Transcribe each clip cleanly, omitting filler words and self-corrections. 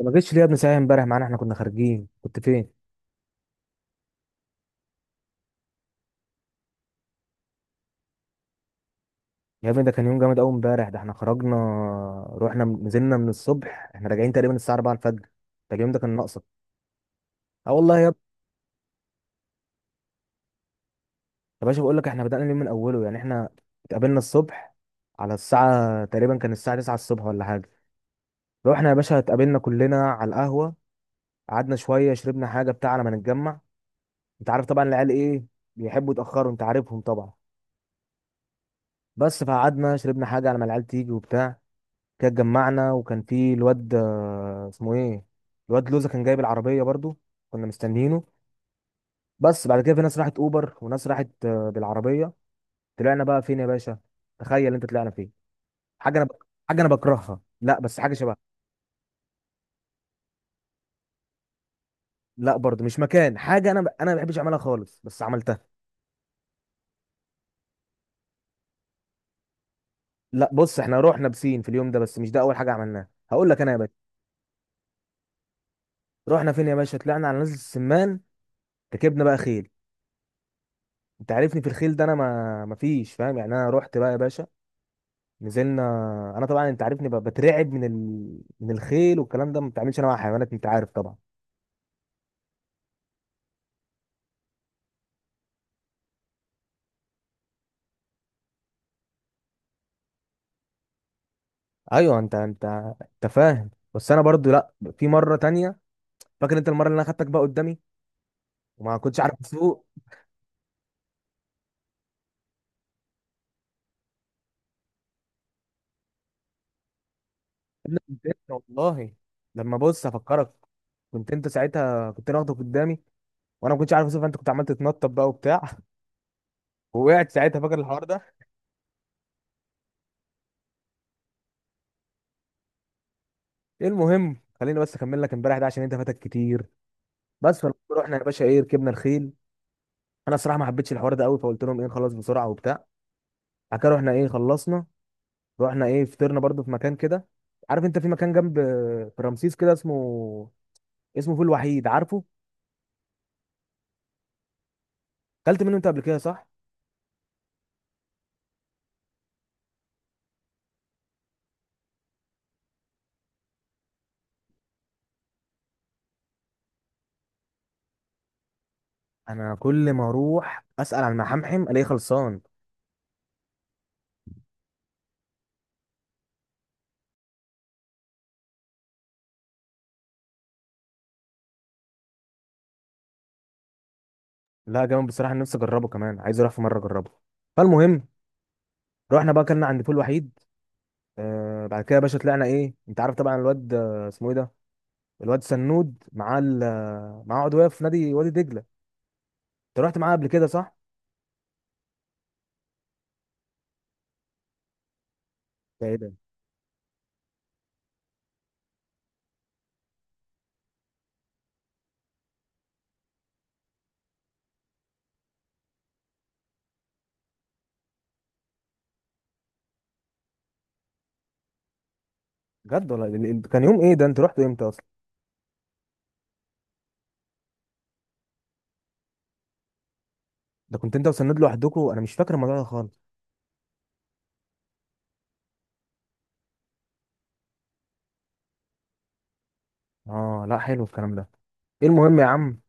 ما جيتش ليه يا ابني ساعه امبارح معانا، احنا كنا خارجين، كنت فين؟ يا ابني ده كان يوم جامد قوي امبارح. ده احنا خرجنا، رحنا نزلنا من الصبح، احنا راجعين تقريبا الساعه 4 الفجر. ده اليوم ده كان ناقصك. اه والله يا ابني. يا باشا بقول لك احنا بدأنا اليوم من اوله، يعني احنا اتقابلنا الصبح على الساعه، تقريبا كان الساعه 9 الصبح ولا حاجه. رحنا يا باشا اتقابلنا كلنا على القهوه، قعدنا شويه شربنا حاجه بتاع على ما نتجمع. انت عارف طبعا العيال ايه، بيحبوا يتاخروا، انت عارفهم طبعا. بس فقعدنا شربنا حاجه على ما العيال تيجي وبتاع. كده اتجمعنا، وكان في الواد اسمه ايه، الواد لوزة، كان جايب العربية برضو، كنا مستنيينه. بس بعد كده في ناس راحت اوبر وناس راحت بالعربية. طلعنا بقى فين يا باشا؟ تخيل انت طلعنا فين. حاجة انا بك... حاجة انا بكرهها، لا بس حاجة شبهها. لا برضو مش مكان حاجة انا ما بحبش اعملها خالص، بس عملتها. لا بص، احنا رحنا بسين في اليوم ده، بس مش ده اول حاجة عملناها، هقول لك انا يا باشا. رحنا فين يا باشا؟ طلعنا على نزلة السمان، ركبنا بقى خيل. انت عارفني في الخيل ده، انا ما فيش فاهم يعني. انا رحت بقى يا باشا، نزلنا. انا طبعا انت عارفني بترعب من الخيل والكلام ده، ما بتعملش انا مع حيوانات، انت عارف طبعا. ايوه، انت انت فاهم، بس انا برضو لا. في مره تانية، فاكر انت المره اللي انا خدتك بقى قدامي وما كنتش عارف اسوق؟ انا كنت انت، والله لما بص افكرك، كنت انت ساعتها، كنت انا واخدك قدامي، وانا ما كنتش عارف اسوق، فانت كنت عمال تتنطط بقى وبتاع ووقعت ساعتها، فاكر الحوار ده؟ إيه المهم، خليني بس اكمل لك امبارح ده عشان انت فاتك كتير. بس فلما رحنا يا باشا، ايه، ركبنا الخيل. انا الصراحه ما حبيتش الحوار ده قوي، فقلت لهم ايه، نخلص بسرعه وبتاع. بعد كده رحنا ايه، خلصنا، رحنا ايه، فطرنا برضو في مكان كده. عارف انت في مكان جنب، في رمسيس كده، اسمه اسمه فول وحيد، عارفه؟ اكلت منه انت قبل كده، صح؟ انا كل ما اروح اسال عن محمحم الاقيه خلصان. لا جامد بصراحه، أنا نفسي اجربه كمان، عايز اروح في مره اجربه. فالمهم، رحنا بقى اكلنا عند فول وحيد. آه، بعد كده يا باشا طلعنا ايه، انت عارف طبعا الواد اسمه ايه ده، الواد سنود، معاه معاه عضويه في نادي وادي دجله. انت رحت معاه قبل كده، صح؟ ده ايه ده؟ بجد والله كان يوم ايه ده، انت رحتوا امتى اصلا؟ ده كنت انت وسند لوحدكوا، انا مش فاكر الموضوع ده خالص. اه لا، حلو الكلام ده. ايه المهم يا عم،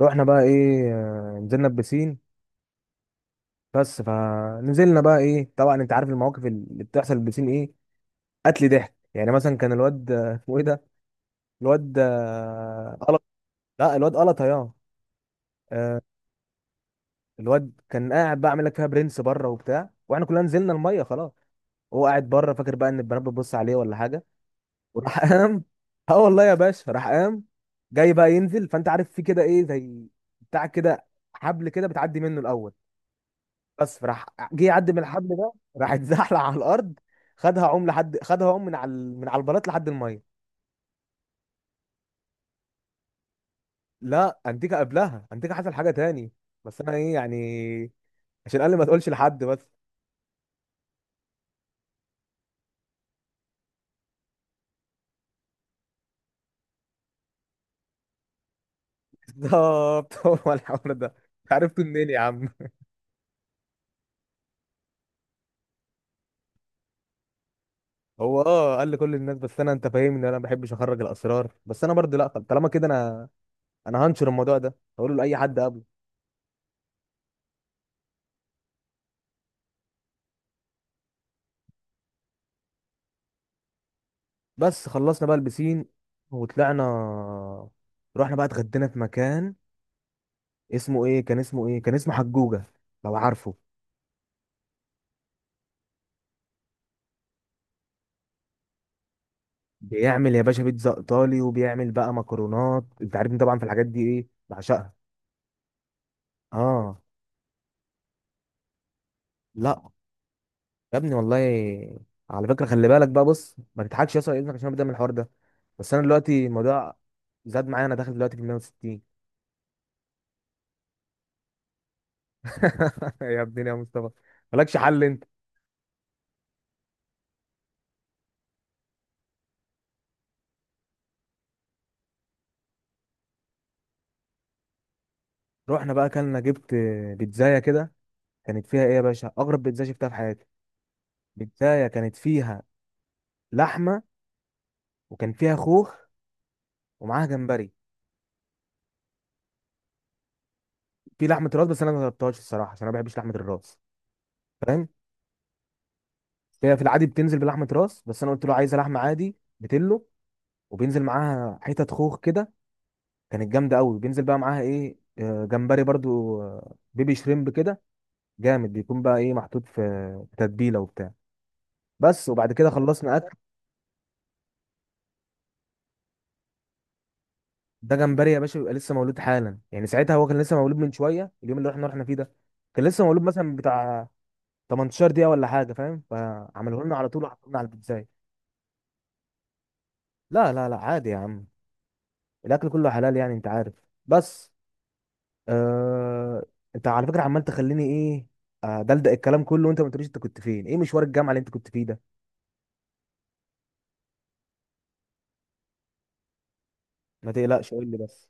رحنا بقى ايه، نزلنا البسين. بس فنزلنا بقى ايه، طبعا انت عارف المواقف اللي بتحصل في البسين ايه، قتل ضحك. يعني مثلا كان الواد اسمه ايه ده، الواد قلط. لا الواد قلط يا آه، الواد كان قاعد بقى عامل لك فيها برنس بره وبتاع، واحنا كلنا نزلنا الميه خلاص، هو قاعد بره فاكر بقى ان البنات بتبص عليه ولا حاجه، وراح قام. اه والله يا باشا راح قام جاي بقى ينزل، فانت عارف في كده ايه، زي بتاع كده، حبل كده بتعدي منه الاول. بس فراح جه يعدي من الحبل ده، راح اتزحلق على الارض، خدها عم لحد، خدها عم من من على البلاط لحد الميه. لا انتيكا قبلها، انتيكا حصل حاجه تاني، بس انا ايه يعني، عشان قال لي ما تقولش لحد بس. بالظبط هو الحوار ده، عرفته منين يا عم؟ هو اه قال لي كل الناس، بس انا انت فاهمني، انا ما بحبش اخرج الاسرار، بس انا برضه لا، طب طالما كده انا انا هنشر الموضوع ده، هقوله لاي حد قبله. بس خلصنا بقى البسين وطلعنا، رحنا بقى اتغدينا في مكان اسمه ايه، كان اسمه ايه، كان اسمه حجوجة، لو عارفه. بيعمل يا باشا بيتزا ايطالي وبيعمل بقى مكرونات، انت عارفني طبعا في الحاجات دي، ايه بعشقها. اه. لا يا ابني والله، على فكرة خلي بالك بقى، بص ما تضحكش يا اسطى على اذنك، عشان بدأ من الحوار ده، بس انا دلوقتي الموضوع زاد معايا، انا داخل دلوقتي في 160. يا ابني يا مصطفى، مالكش حل انت. رحنا بقى اكلنا، جبت بيتزاية كده، كانت فيها ايه يا باشا، اغرب بيتزاية شفتها في حياتي. بيتزاية كانت فيها لحمة، وكان فيها خوخ، ومعاها جمبري. في لحمة راس، بس انا ما جربتهاش الصراحة عشان انا ما بحبش لحمة الراس، فاهم. هي في العادي بتنزل بلحمة راس، بس انا قلت له عايزة لحمة عادي بتلو، وبينزل معاها حتت خوخ كده، كانت جامدة قوي. بينزل بقى معاها ايه، جمبري برضو، بيبي شريمب كده، جامد. بيكون بقى ايه محطوط في في تتبيلة وبتاع. بس وبعد كده خلصنا اكل. ده جمبري يا باشا بيبقى لسه مولود حالا، يعني ساعتها هو كان لسه مولود من شويه، اليوم اللي احنا رحنا فيه ده كان لسه مولود مثلا بتاع 18 دقيقه ولا حاجه، فاهم، فعملوه لنا على طول وحطوه لنا على البيتزا. لا لا لا عادي يا عم، الاكل كله حلال يعني، انت عارف. بس آه... انت على فكره عمال تخليني ايه، دلدق الكلام كله، وانت ما قلتليش انت كنت فين، ايه مشوار الجامعه اللي انت كنت فيه ده؟ ما تقلقش، قول لي بس.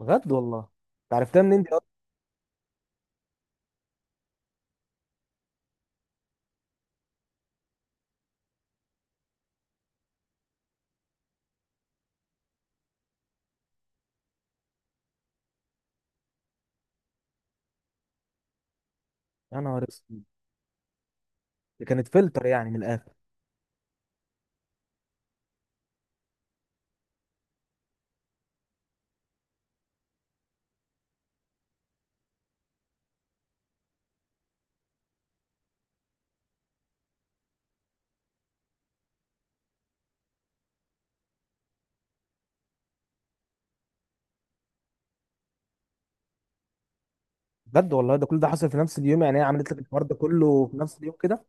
بجد والله انت عرفتها منين دي أصلاً؟ يا نهار اسود، دي كانت فلتر يعني من الاخر. بجد والله، ده كل ده حصل في نفس اليوم، يعني هي عملت لك الحوار ده كله في نفس اليوم كده؟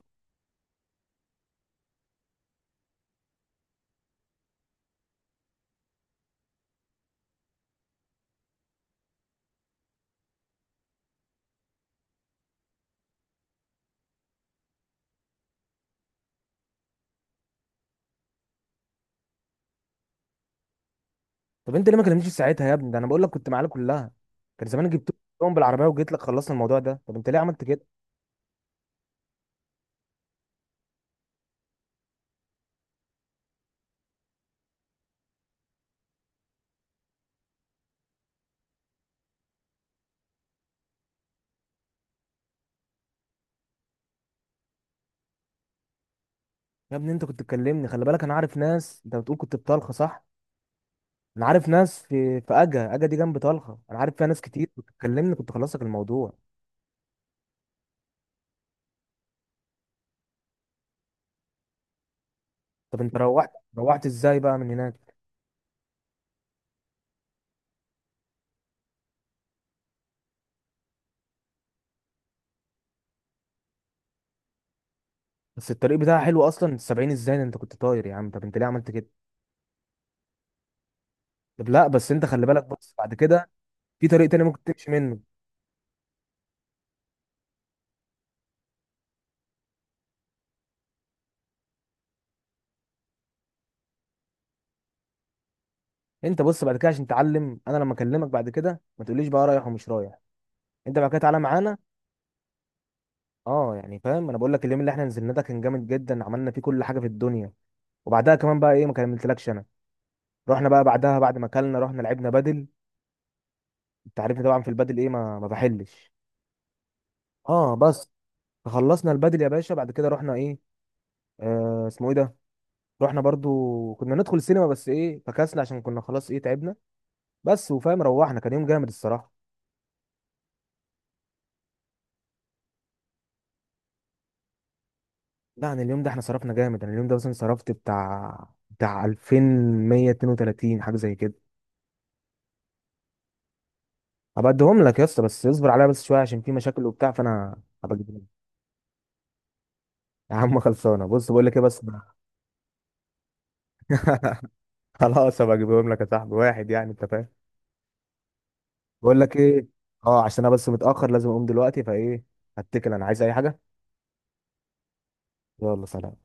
طب انت ليه ما كلمتنيش في ساعتها يا ابني؟ ده انا بقول لك كنت معانا كلها، كان زمان جبت لهم بالعربيه وجيت لك خلصنا الموضوع ده، طب انت ليه عملت كده؟ يا ابني انت كنت تكلمني، خلي بالك، انا عارف ناس، انت بتقول كنت في طلخه، صح؟ انا عارف ناس في في اجا دي جنب طلخه، انا عارف فيها ناس كتير، كنت تكلمني كنت خلص لك الموضوع. طب انت روحت، روحت ازاي بقى من هناك؟ بس الطريق بتاعها حلو اصلا، 70 ازاي ده، انت كنت طاير يا عم، طب انت ليه عملت كده؟ طب لا بس انت خلي بالك، بص بعد كده في طريق تاني ممكن تمشي منه. انت بص بعد كده عشان تعلم، انا لما اكلمك بعد كده ما تقوليش بقى رايح ومش رايح، انت بعد كده تعالى معانا. اه يعني فاهم، انا بقول لك اليوم اللي احنا نزلنا ده كان جامد جدا، عملنا فيه كل حاجه في الدنيا. وبعدها كمان بقى ايه، ما كملتلكش انا، رحنا بقى بعدها بعد ما اكلنا رحنا لعبنا بدل، انت عارفني طبعا في البدل ايه، ما بحلش. اه بس، خلصنا البدل يا باشا، بعد كده رحنا ايه، آه اسمه ايه ده، رحنا برضو كنا ندخل سينما بس ايه فكسنا عشان كنا خلاص ايه تعبنا. بس وفاهم روحنا، كان يوم جامد الصراحه. لا عن اليوم ده احنا صرفنا جامد، انا اليوم ده مثلا صرفت بتاع 2132 حاجه زي كده. هبقى اديهم لك يا اسطى، بس اصبر عليا بس شويه عشان في مشاكل وبتاع، فانا هبقى اجيبهم. يا عم خلصانه، بص بقول لك ايه بس. خلاص هبقى اجيبهم لك يا صاحبي، واحد يعني، انت فاهم. بقول لك ايه، اه عشان انا بس متاخر، لازم اقوم دلوقتي، فايه هتكل، انا عايز اي حاجه. يلا سلام.